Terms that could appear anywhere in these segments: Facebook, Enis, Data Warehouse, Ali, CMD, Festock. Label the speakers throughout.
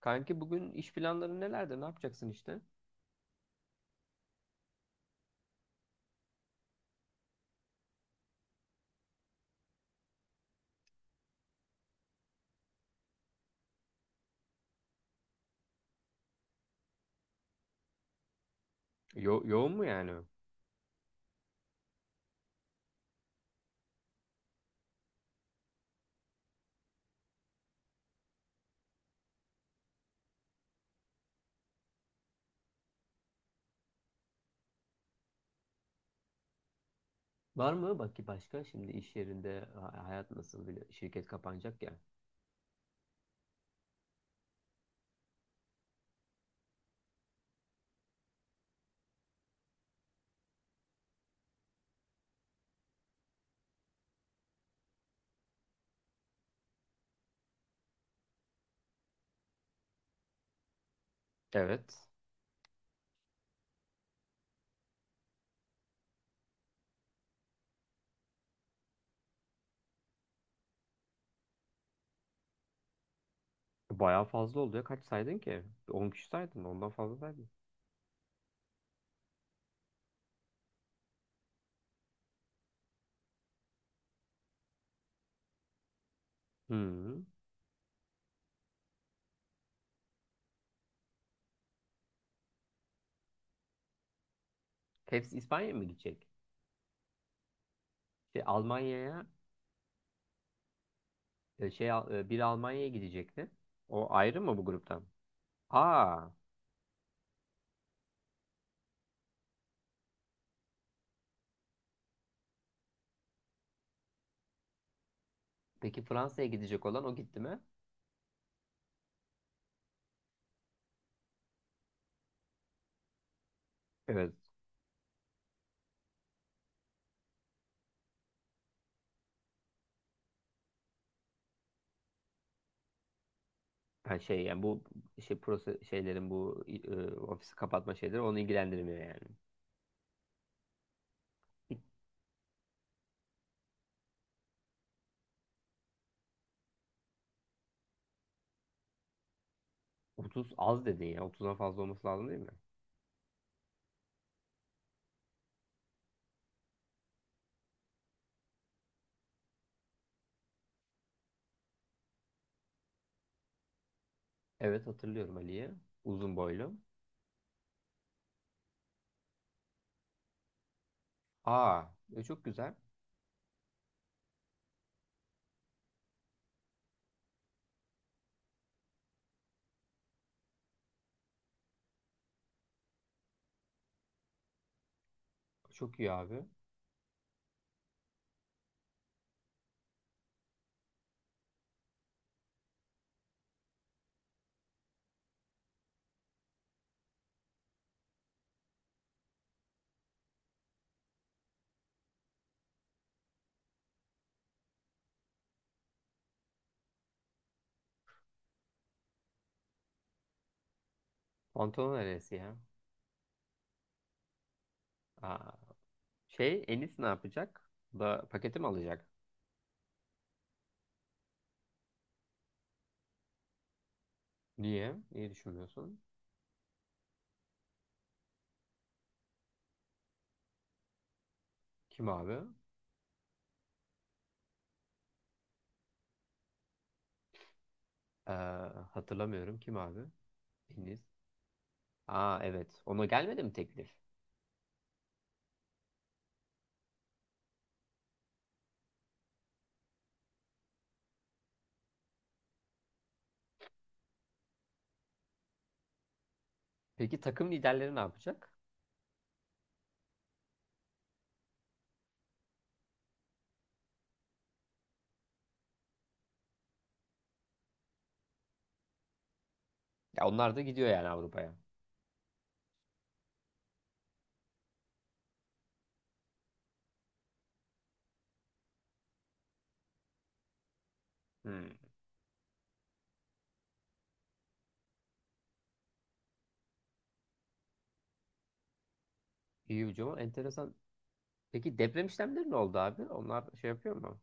Speaker 1: Kanki bugün iş planları nelerde? Ne yapacaksın işte? Yoğun mu yani? Var mı? Bak ki başka şimdi iş yerinde hayat nasıl bile şirket kapanacak ya. Evet. Bayağı fazla oldu ya. Kaç saydın ki? 10 kişi saydın. Ondan fazla saydın. Hı. Hepsi İspanya'ya mı gidecek? Şey, Almanya'ya e, şey Al- e, Biri Almanya'ya gidecekti. O ayrı mı bu gruptan? Aa. Peki Fransa'ya gidecek olan o gitti mi? Evet. Ha, şey yani bu şey proses şeylerin bu ofisi kapatma şeyleri onu ilgilendirmiyor yani. 30 az dedin ya. 30'dan fazla olması lazım değil mi? Evet, hatırlıyorum Ali'yi. Uzun boylu. Aa, çok güzel. Çok iyi abi. Pantolon neresi ya? Aa. Şey Enis ne yapacak? Bu da paketi mi alacak? Niye? Niye düşünmüyorsun? Kim abi? Ee, Hatırlamıyorum. Kim abi? Enis. Aa, evet. Ona gelmedi mi teklif? Peki takım liderleri ne yapacak? Ya onlar da gidiyor yani Avrupa'ya. Hmm. İyi hocam. Enteresan. Peki deprem işlemleri ne oldu abi? Onlar şey yapıyor mu?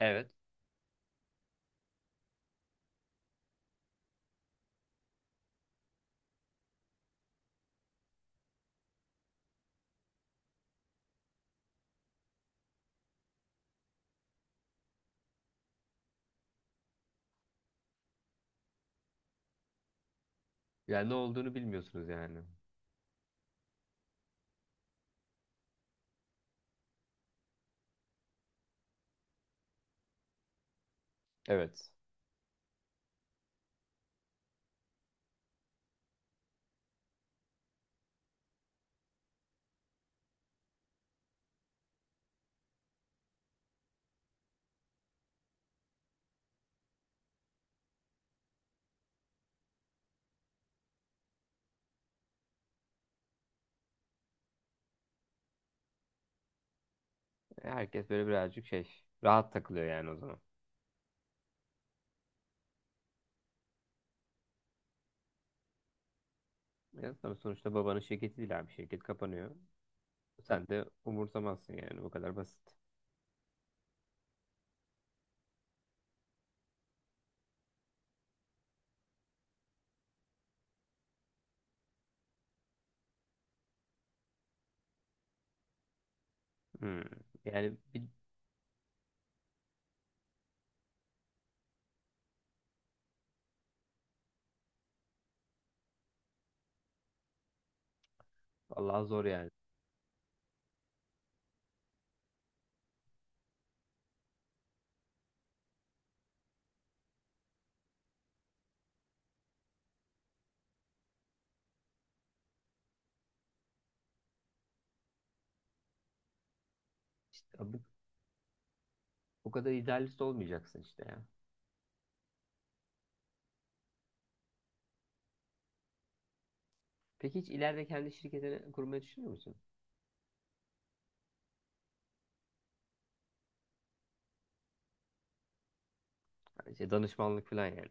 Speaker 1: Evet. Yani ne olduğunu bilmiyorsunuz yani. Evet. Herkes böyle birazcık şey rahat takılıyor yani o zaman. Ya tabii sonuçta babanın şirketi değil abi. Şirket kapanıyor. Sen de umursamazsın yani. Bu kadar basit. Hmm. Yani bir. Allah zor yani. İşte bu kadar idealist olmayacaksın işte ya. Peki hiç ileride kendi şirketini kurmayı düşünüyor musun? Yani şey, danışmanlık falan yani.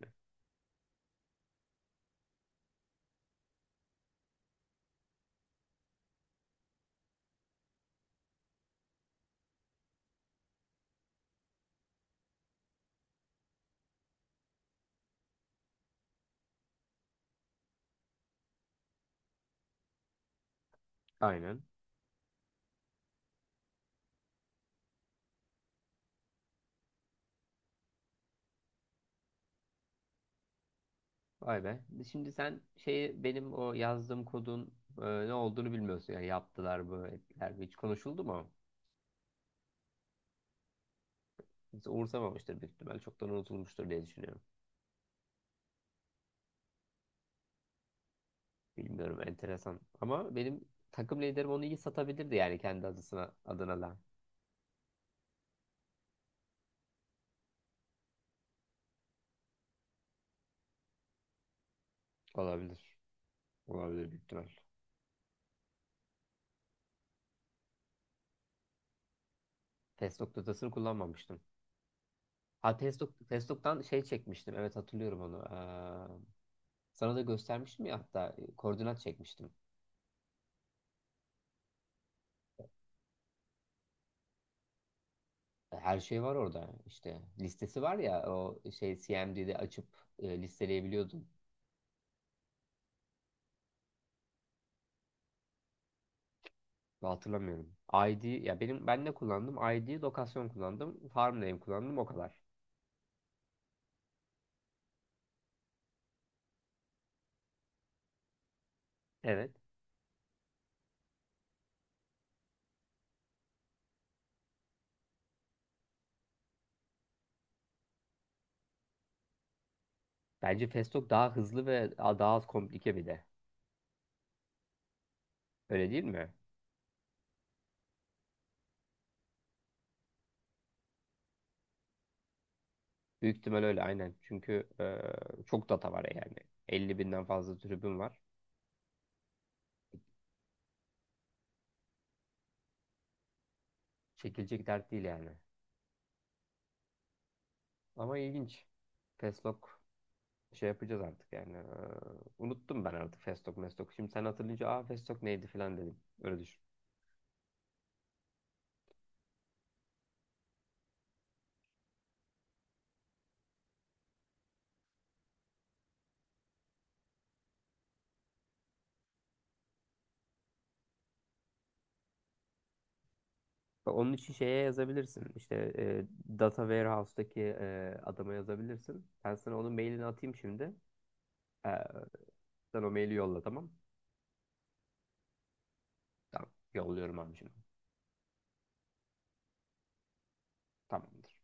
Speaker 1: Aynen. Vay be. Şimdi sen şey benim o yazdığım kodun e, ne olduğunu bilmiyorsun. Yani yaptılar mı, ettiler mi? Hiç konuşuldu mu? Hiç umursamamıştır büyük ihtimal. Çoktan unutulmuştur diye düşünüyorum. Bilmiyorum, enteresan. Ama benim takım liderim onu iyi satabilirdi yani kendi adına da. Olabilir. Olabilir büyük ihtimal. Facebook datasını kullanmamıştım. Ha, Facebook'tan şey çekmiştim. Evet, hatırlıyorum onu. Sana da göstermiştim ya, hatta koordinat çekmiştim. Her şey var orada işte. Listesi var ya o şey CMD'de açıp listeleyebiliyordun. Ben hatırlamıyorum. ID ya benim ben ne kullandım? ID, lokasyon kullandım. Farm name kullandım o kadar. Evet. Bence Festock daha hızlı ve daha az komplike bir de. Öyle değil mi? Büyük ihtimal öyle aynen. Çünkü çok data var yani. 50.000'den fazla tribün var. Çekilecek dert değil yani. Ama ilginç. Festock şey yapacağız artık yani. Unuttum ben artık Festok Mestok. Şimdi sen hatırlayınca aa Festok neydi falan dedim. Öyle düşün. Bak, onun için şeye yazabilirsin. İşte Data Warehouse'daki adama yazabilirsin. Ben sana onun mailini atayım şimdi. Ee, Sen o maili yolla tamam. Tamam. Yolluyorum abi şimdi. Tamamdır.